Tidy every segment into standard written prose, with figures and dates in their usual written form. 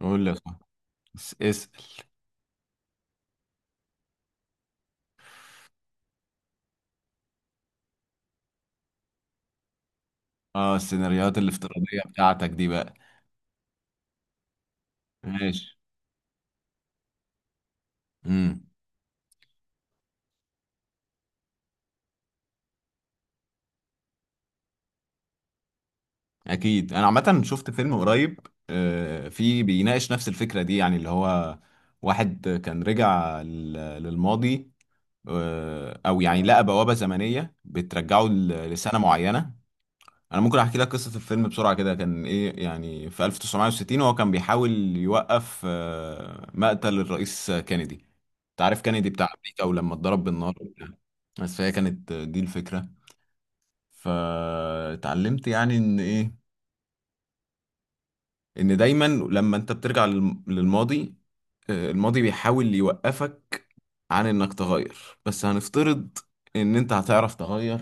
قول لي يا صاحبي. اسأل. اه، السيناريوهات الافتراضية بتاعتك دي بقى. ماشي. امم. اكيد انا عامة شفت فيلم قريب، آه، في بيناقش نفس الفكرة دي، يعني اللي هو واحد كان رجع للماضي، آه، او يعني لقى بوابة زمنية بترجعه لسنة معينة. انا ممكن احكي لك قصة الفيلم بسرعة كده، كان ايه يعني في 1960 وهو كان بيحاول يوقف آه مقتل الرئيس كينيدي. انت عارف كندي بتاع امريكا ولما اتضرب بالنار وبتاع. بس فهي كانت دي الفكره. فاتعلمت يعني ان ايه، ان دايما لما انت بترجع للماضي، آه، الماضي بيحاول يوقفك عن انك تغير. بس هنفترض ان انت هتعرف تغير.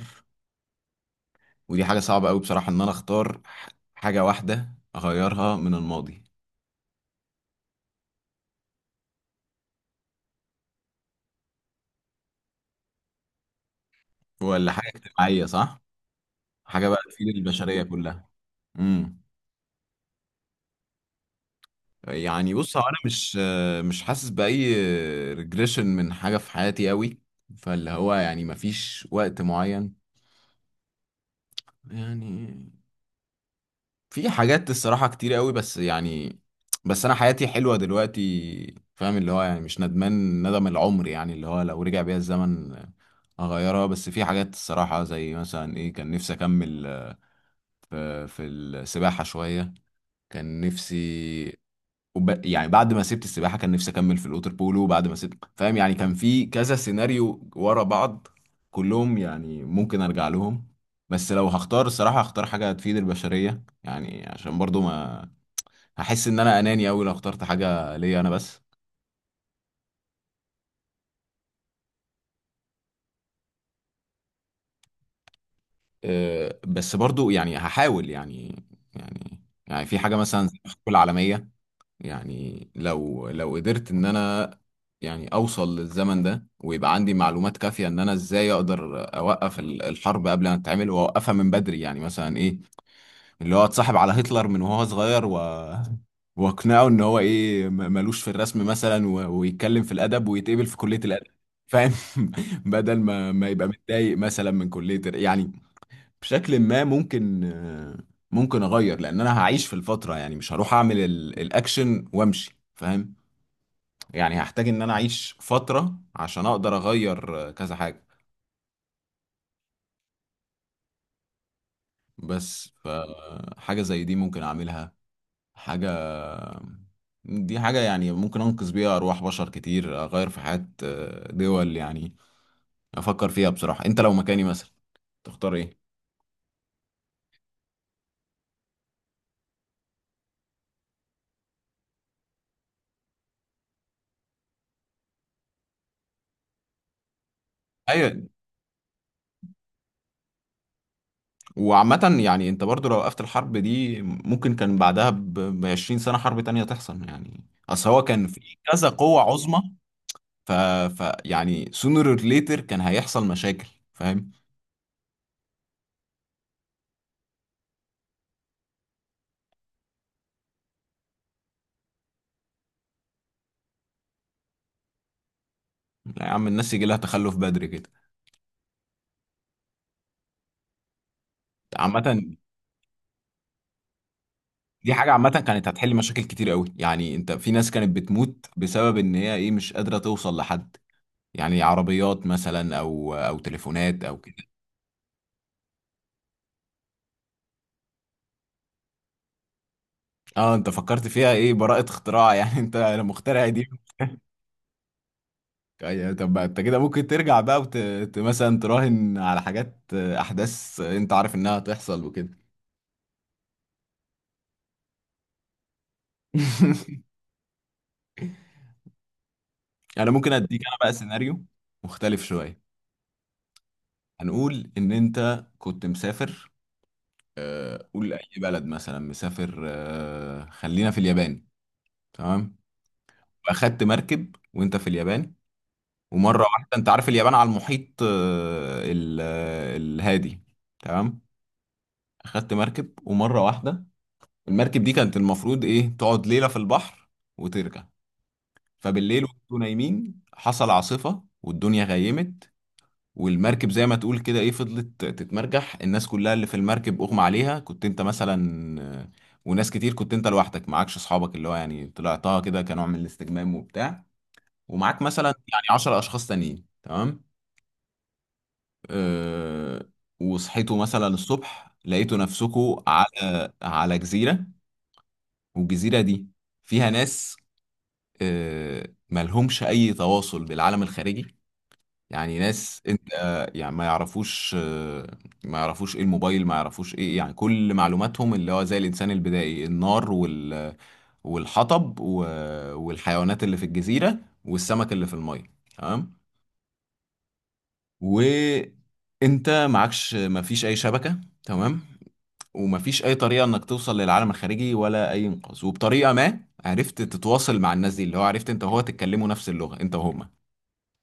ودي حاجه صعبه قوي بصراحه، ان انا اختار حاجه واحده اغيرها من الماضي. ولا حاجه اجتماعيه، صح، حاجه بقى تفيد البشريه كلها. امم. يعني بص، هو انا مش حاسس باي ريجريشن من حاجه في حياتي قوي، فاللي هو يعني مفيش وقت معين، يعني في حاجات الصراحه كتير قوي، بس يعني بس انا حياتي حلوه دلوقتي، فاهم اللي هو يعني مش ندمان ندم العمر، يعني اللي هو لو رجع بيا الزمن اغيرها. بس في حاجات الصراحه، زي مثلا ايه، كان نفسي اكمل في السباحه شويه، كان نفسي، يعني بعد ما سبت السباحه كان نفسي اكمل في الاوتر بولو، وبعد ما سبت، فاهم يعني كان في كذا سيناريو ورا بعض، كلهم يعني ممكن ارجع لهم. بس لو هختار، الصراحه هختار حاجه تفيد البشريه، يعني عشان برضو ما هحس ان انا اناني اوي لو اخترت حاجه ليا انا بس. أه، بس برضو يعني هحاول، يعني، يعني في حاجه مثلا زي الحرب العالميه، يعني لو لو قدرت ان انا يعني اوصل للزمن ده ويبقى عندي معلومات كافية ان انا ازاي اقدر اوقف الحرب قبل ما تتعمل واوقفها من بدري، يعني مثلا ايه اللي هو اتصاحب على هتلر من وهو صغير و واقنعه ان هو ايه، ملوش في الرسم مثلا، ويتكلم في الادب ويتقبل في كلية الادب، فاهم. بدل ما يبقى متضايق مثلا من كلية يعني. بشكل ما ممكن آه، ممكن اغير لان انا هعيش في الفتره، يعني مش هروح اعمل الاكشن وامشي، فاهم. يعني هحتاج ان انا اعيش فتره عشان اقدر اغير آه، كذا حاجه. بس فحاجه زي دي ممكن اعملها. حاجه، دي حاجه يعني ممكن انقذ بيها ارواح بشر كتير، اغير في حياه آه، دول يعني. افكر فيها بصراحه، انت لو مكاني مثلا تختار ايه؟ ايوه. وعامة يعني انت برضو لو وقفت الحرب دي ممكن كان بعدها ب 20 سنة حرب تانية تحصل، يعني اصل هو كان في كذا قوة عظمى، ف... ف يعني sooner or later كان هيحصل مشاكل، فاهم. لا يا عم، الناس يجي لها تخلف بدري كده. عامة دي حاجة عامة كانت هتحل مشاكل كتير قوي، يعني انت في ناس كانت بتموت بسبب ان هي ايه مش قادرة توصل لحد، يعني عربيات مثلا او او تليفونات او كده. اه، انت فكرت فيها ايه، براءة اختراع يعني؟ انت المخترع دي. طب ما انت كده ممكن ترجع بقى مثلا تراهن على حاجات آه، احداث انت عارف انها هتحصل وكده. انا ممكن اديك انا بقى سيناريو مختلف شويه. هنقول ان انت كنت مسافر آه، قول اي بلد مثلا، مسافر آه، خلينا في اليابان. تمام. واخدت مركب وانت في اليابان، ومره واحده، انت عارف اليابان على المحيط آه، آه، الهادي. تمام. اخدت مركب ومره واحده المركب دي كانت المفروض ايه تقعد ليلة في البحر وترجع. فبالليل وانتوا نايمين حصل عاصفة والدنيا غيمت، والمركب زي ما تقول كده ايه فضلت تتمرجح، الناس كلها اللي في المركب اغمى عليها، كنت انت مثلا آه، وناس كتير، كنت انت لوحدك، معكش اصحابك، اللي هو يعني طلعتها كده كنوع من الاستجمام وبتاع، ومعاك مثلا يعني 10 اشخاص تانيين. تمام. أه، وصحيتوا مثلا الصبح لقيتوا نفسكوا على على جزيرة، والجزيرة دي فيها ناس آه، ملهمش اي تواصل بالعالم الخارجي. يعني ناس انت آه، يعني ما يعرفوش آه، ما يعرفوش ايه الموبايل، ما يعرفوش ايه، يعني كل معلوماتهم اللي هو زي الانسان البدائي، النار وال والحطب والحيوانات اللي في الجزيرة والسمك اللي في المية. تمام. وانت معكش، مفيش اي شبكة، تمام، ومفيش اي طريقة انك توصل للعالم الخارجي ولا اي انقاذ. وبطريقة ما عرفت تتواصل مع الناس دي، اللي هو عرفت انت وهو تتكلموا نفس اللغة انت وهم.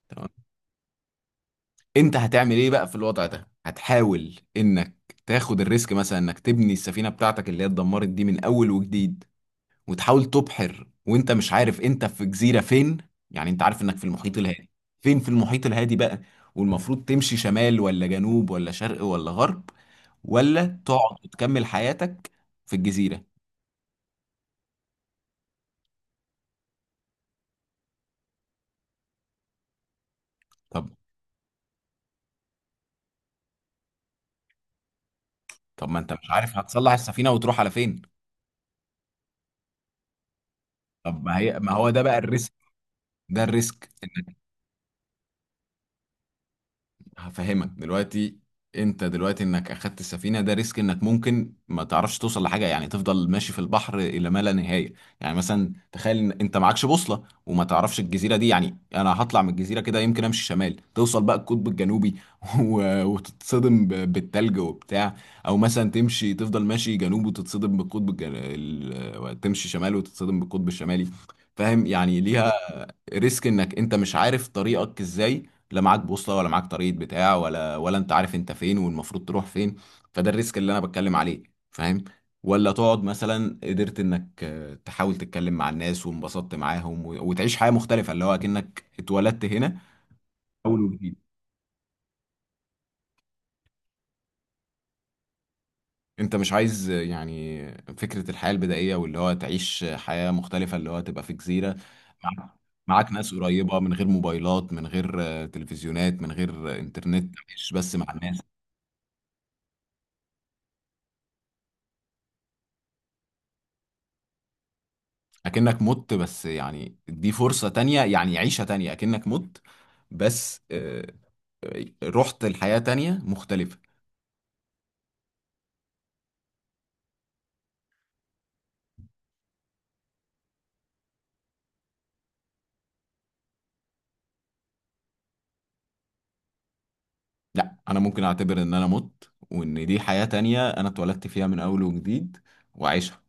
تمام. انت هتعمل ايه بقى في الوضع ده؟ هتحاول انك تاخد الريسك مثلا انك تبني السفينة بتاعتك اللي هي اتدمرت دي من اول وجديد، وتحاول تبحر وانت مش عارف انت في جزيرة فين، يعني انت عارف انك في المحيط الهادي، فين في المحيط الهادي بقى، والمفروض تمشي شمال ولا جنوب ولا شرق ولا غرب، ولا تقعد وتكمل حياتك في الجزيرة. طب طب ما انت مش عارف هتصلح السفينة وتروح على فين. طب ما هي، ما هو ده بقى الريسك، ده الريسك. هفهمك دلوقتي، انت دلوقتي انك اخدت السفينه ده ريسك، انك ممكن ما تعرفش توصل لحاجه، يعني تفضل ماشي في البحر الى ما لا نهايه. يعني مثلا تخيل ان انت معكش بوصله وما تعرفش الجزيره دي، يعني انا هطلع من الجزيره كده يمكن امشي شمال توصل بقى القطب الجنوبي، وتتصدم بالتلج وبتاع، او مثلا تمشي تفضل ماشي جنوب وتتصدم تمشي شمال وتتصدم بالقطب الشمالي، فاهم يعني ليها ريسك. انك انت مش عارف طريقك ازاي، لا معاك بوصله ولا معاك طريقه بتاع ولا انت عارف انت فين والمفروض تروح فين. فده الريسك اللي انا بتكلم عليه، فاهم. ولا تقعد مثلا قدرت انك آه، تحاول تتكلم مع الناس وانبسطت معاهم وتعيش حياه مختلفه، اللي هو اكنك اتولدت هنا اول وجديد. انت مش عايز آه، يعني فكره الحياه البدائيه، واللي هو تعيش حياه مختلفه، اللي هو تبقى في جزيره، معاك معاك ناس قريبه، من غير موبايلات، من غير آه، تلفزيونات، من غير آه، انترنت، تعيش بس مع الناس. اكنك مت، بس يعني دي فرصة تانية يعني عيشة تانية، اكنك مت بس آه، آه، رحت لحياة تانية مختلفة. لا، انا ممكن اعتبر ان انا مت وان دي حياة تانية انا اتولدت فيها من اول وجديد وعيشها.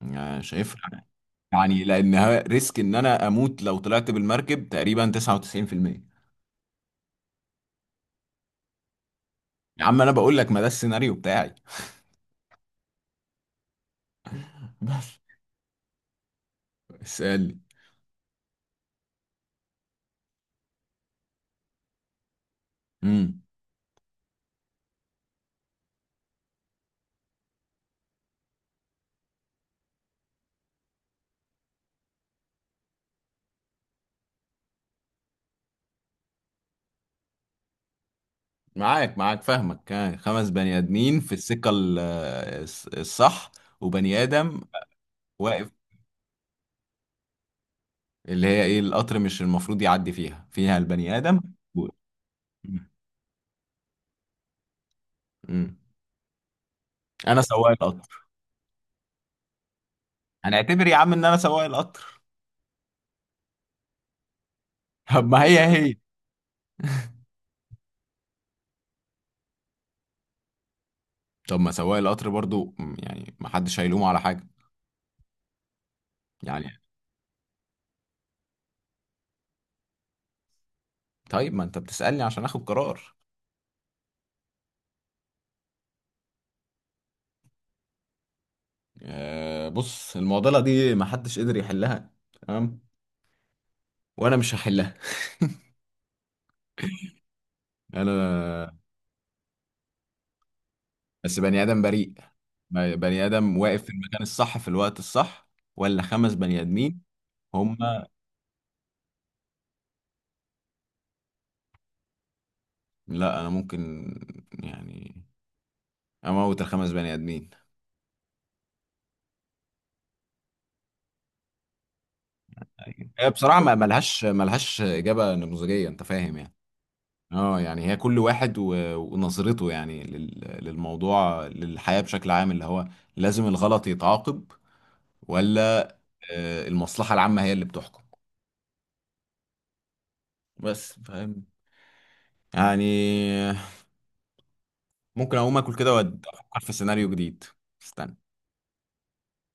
يعني شايفها يعني لانها ريسك ان انا اموت لو طلعت بالمركب تقريبا 99%. يا عم انا بقول لك ما ده السيناريو بتاعي. بس. اسألني. معاك، فاهمك، آه، خمس بني ادمين في السكة آه، الصح، وبني ادم واقف، اللي هي ايه القطر مش المفروض يعدي فيها، فيها البني ادم و... مم. مم. انا سواق القطر. هنعتبر يا عم ان انا سواق القطر. طب ما هي، هي طب ما سواق القطر برضو، مم، يعني ما حدش هيلومه على حاجة يعني. طيب ما انت بتسألني عشان اخد قرار. آه، بص، المعضلة دي ما حدش قدر يحلها، تمام، وانا مش هحلها. انا بس بني آدم بريء، بني آدم واقف في المكان الصح في الوقت الصح، ولا خمس بني آدمين. هم لا، أنا ممكن يعني أموت الخمس بني آدمين. أيوة. هي بصراحة ما ملهاش إجابة نموذجية، أنت فاهم يعني. اه، يعني هي كل واحد ونظرته يعني للموضوع، للحياة بشكل عام، اللي هو لازم الغلط يتعاقب، ولا آه، المصلحة العامة هي اللي بتحكم. بس فاهم يعني، ممكن اقوم اكل كده وافكر في سيناريو جديد. استنى.